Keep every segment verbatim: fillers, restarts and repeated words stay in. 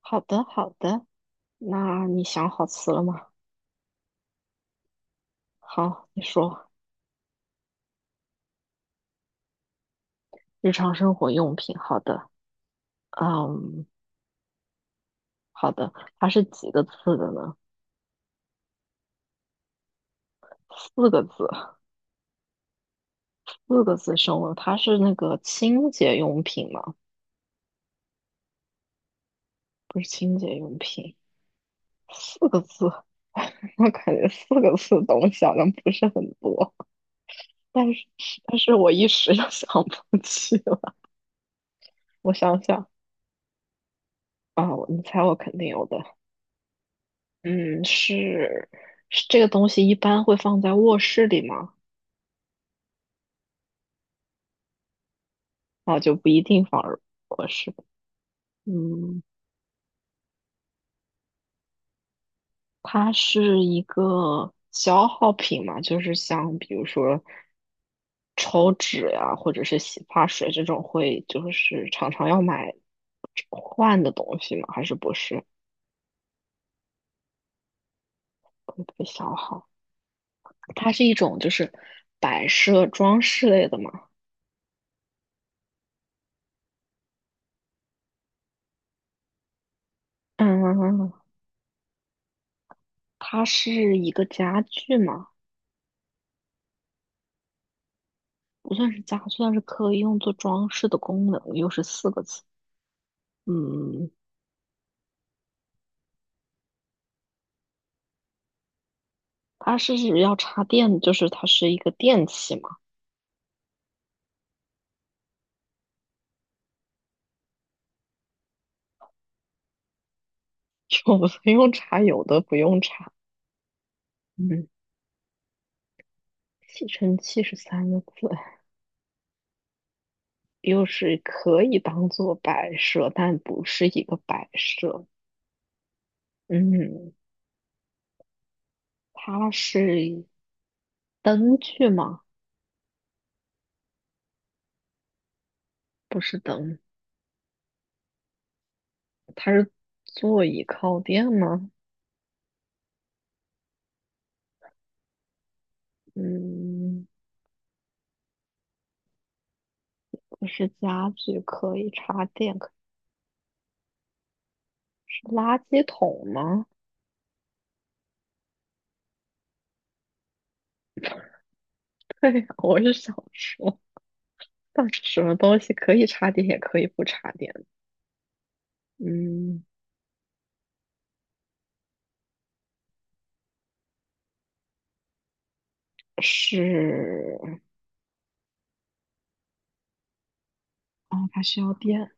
好的，好的。那你想好词了吗？好，你说。日常生活用品，好的。嗯，好的。它是几个字的呢？四个字，四个字生物。它是那个清洁用品吗？不是清洁用品，四个字。我感觉四个字的东西好像不是很多，但是但是我一时又 想不起了。我想想啊，我你猜我肯定有的。嗯，是是这个东西一般会放在卧室里吗？那就不一定放卧室。嗯，它是一个消耗品嘛，就是像比如说抽纸呀、或者是洗发水这种会就是常常要买换的东西吗？还是不是会被消耗？它是一种就是摆设装饰类的嘛。嗯，它是一个家具吗？不算是家，但是可以用作装饰的功能，又是四个字。嗯，它是指要插电，就是它是一个电器嘛，有的用插，有的不用插。嗯，吸尘器是三个字，又是可以当做摆设，但不是一个摆设。嗯，它是灯具吗？不是灯，它是座椅靠垫吗？嗯，不是家具，可以插电。垃圾桶吗？对，我是想说，到底什么东西可以插电，也可以不插电？嗯，是，哦，它需要电。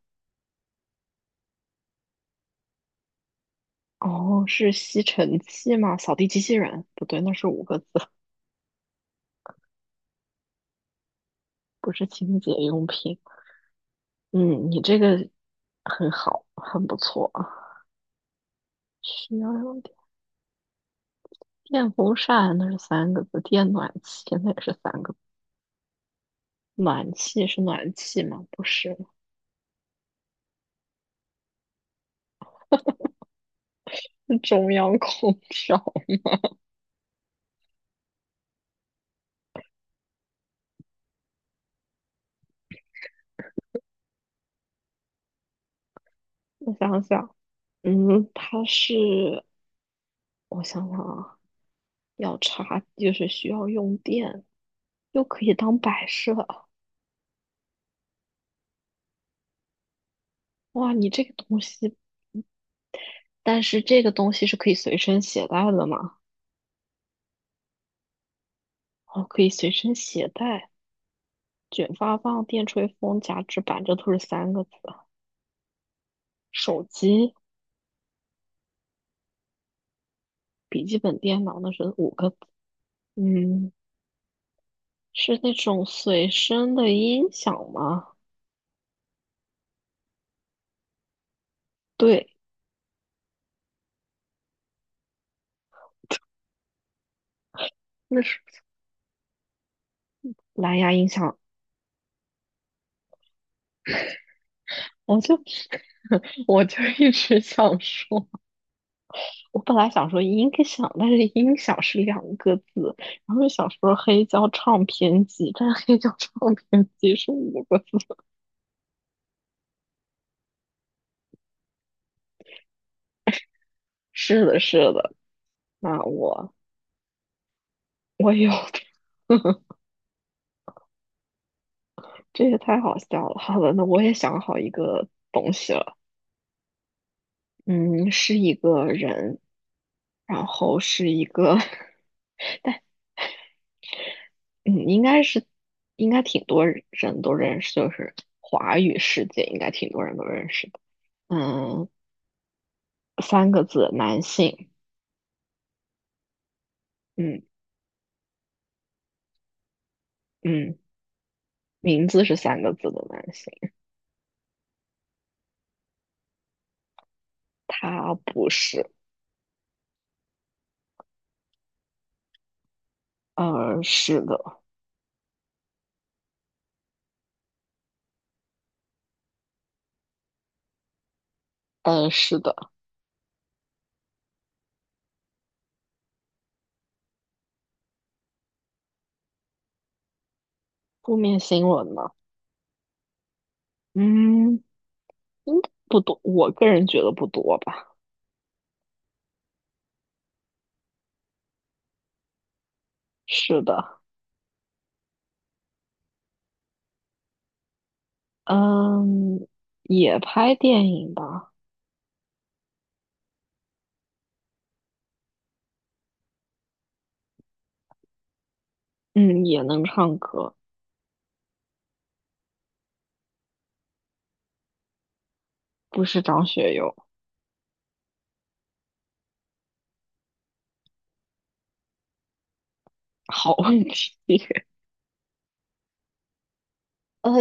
哦，是吸尘器吗？扫地机器人？不对，那是五个字，不是清洁用品。嗯，你这个很好，很不错啊。需要用电，电风扇那是三个字，电暖气那也是三个字暖气是暖气吗？不是，是中央空调。我想想，嗯，它是我想想啊，要插就是需要用电，又可以当摆设。哇，你这个东西，但是这个东西是可以随身携带的吗？哦，可以随身携带，卷发棒、电吹风、夹直板，这都是三个字。手机、笔记本电脑那是五个字。嗯，是那种随身的音响吗？对，那是蓝牙音响。我就 我就一直想说。我本来想说音响，但是音响是两个字，然后又想说黑胶唱片机，但是黑胶唱片机是五个字。是的，是的，那我我有的，这也太好笑了。好的，那我也想好一个东西了，嗯，是一个人，然后是一个，嗯，应该是应该挺多人都认识，就是华语世界应该挺多人都认识的，嗯，三个字，男性，嗯嗯。名字是三个字的男性，他不是。呃，是的，呃，是的。负面新闻呢？嗯，应该不多，我个人觉得不多吧。是的，嗯，也拍电影吧，嗯，也能唱歌，不是张学友。好问题，呃，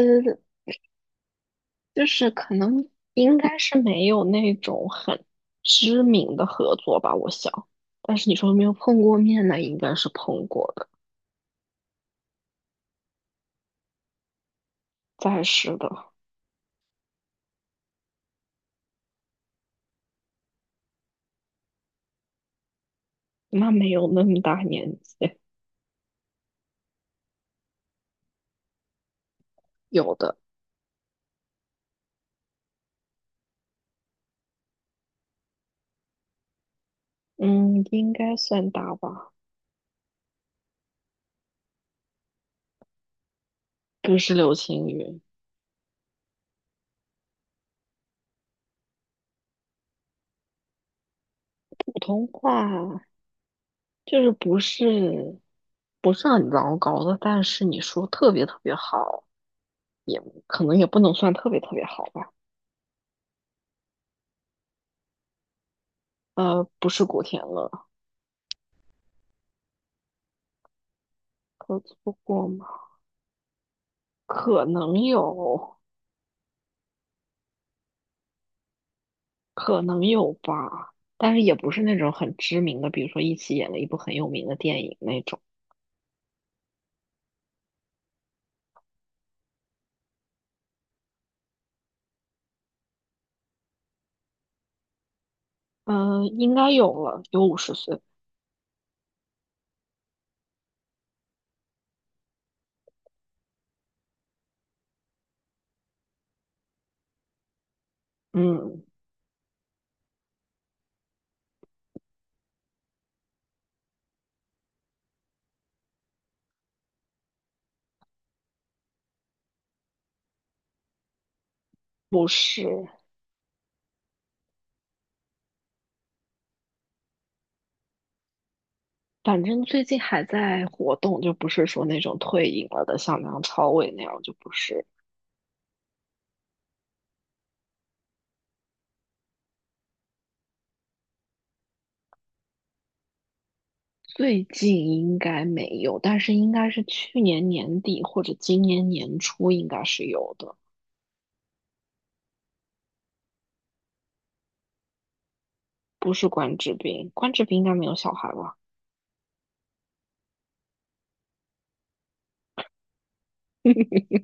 就是可能应该是没有那种很知名的合作吧，我想。但是你说有没有碰过面那应该是碰过的。再是的，那没有那么大年纪，有的，嗯，应该算大吧。不是流行语，普通话就是不是不是很糟糕的，但是你说特别特别好，也可能也不能算特别特别好吧。呃，不是古天乐，合作过吗？可能有，可能有吧，但是也不是那种很知名的，比如说一起演了一部很有名的电影那种。嗯，应该有了，有五十岁。嗯。不是，反正最近还在活动，就不是说那种退隐了的，像梁朝伟那样，就不是。最近应该没有，但是应该是去年年底或者今年年初应该是有的，不是关之斌，关之斌应该没有小孩吧？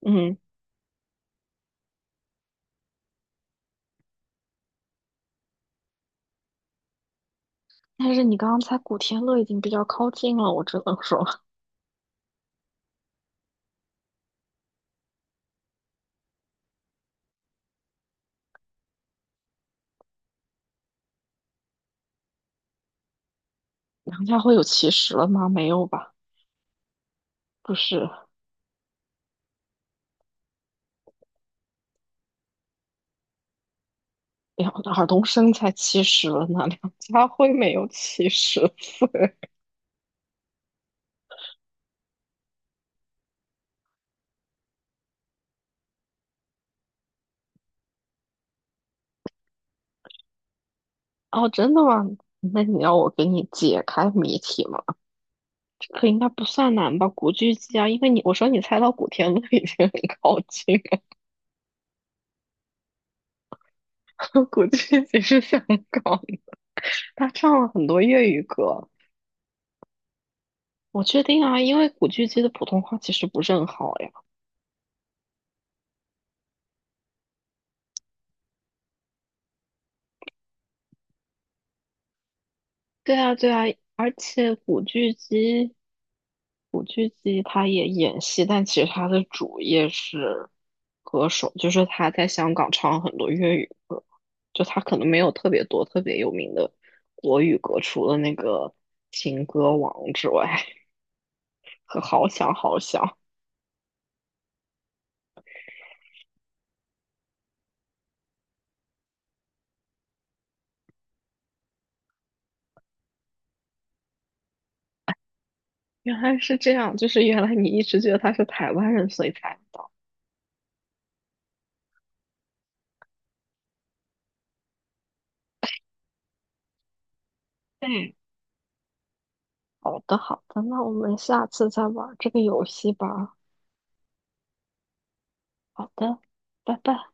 嗯，但是你刚才古天乐已经比较靠近了，我只能说梁家辉有七十了吗？没有吧？不是，梁尔冬升才七十了呢，梁家辉没有七十岁。哦，真的吗？那你要我给你解开谜题吗？这个应该不算难吧？古巨基啊，因为你我说你猜到古天乐已经很靠近了，古巨基是香港的，他唱了很多粤语歌。我确定啊，因为古巨基的普通话其实不是很好呀。对啊，对啊，而且古巨基，古巨基他也演戏，但其实他的主业是歌手，就是他在香港唱很多粤语歌，就他可能没有特别多特别有名的国语歌，除了那个《情歌王》之外，和《好想好想》。原来是这样，就是原来你一直觉得他是台湾人，所以才不到。嗯，好的，好的，那我们下次再玩这个游戏吧。好的，拜拜。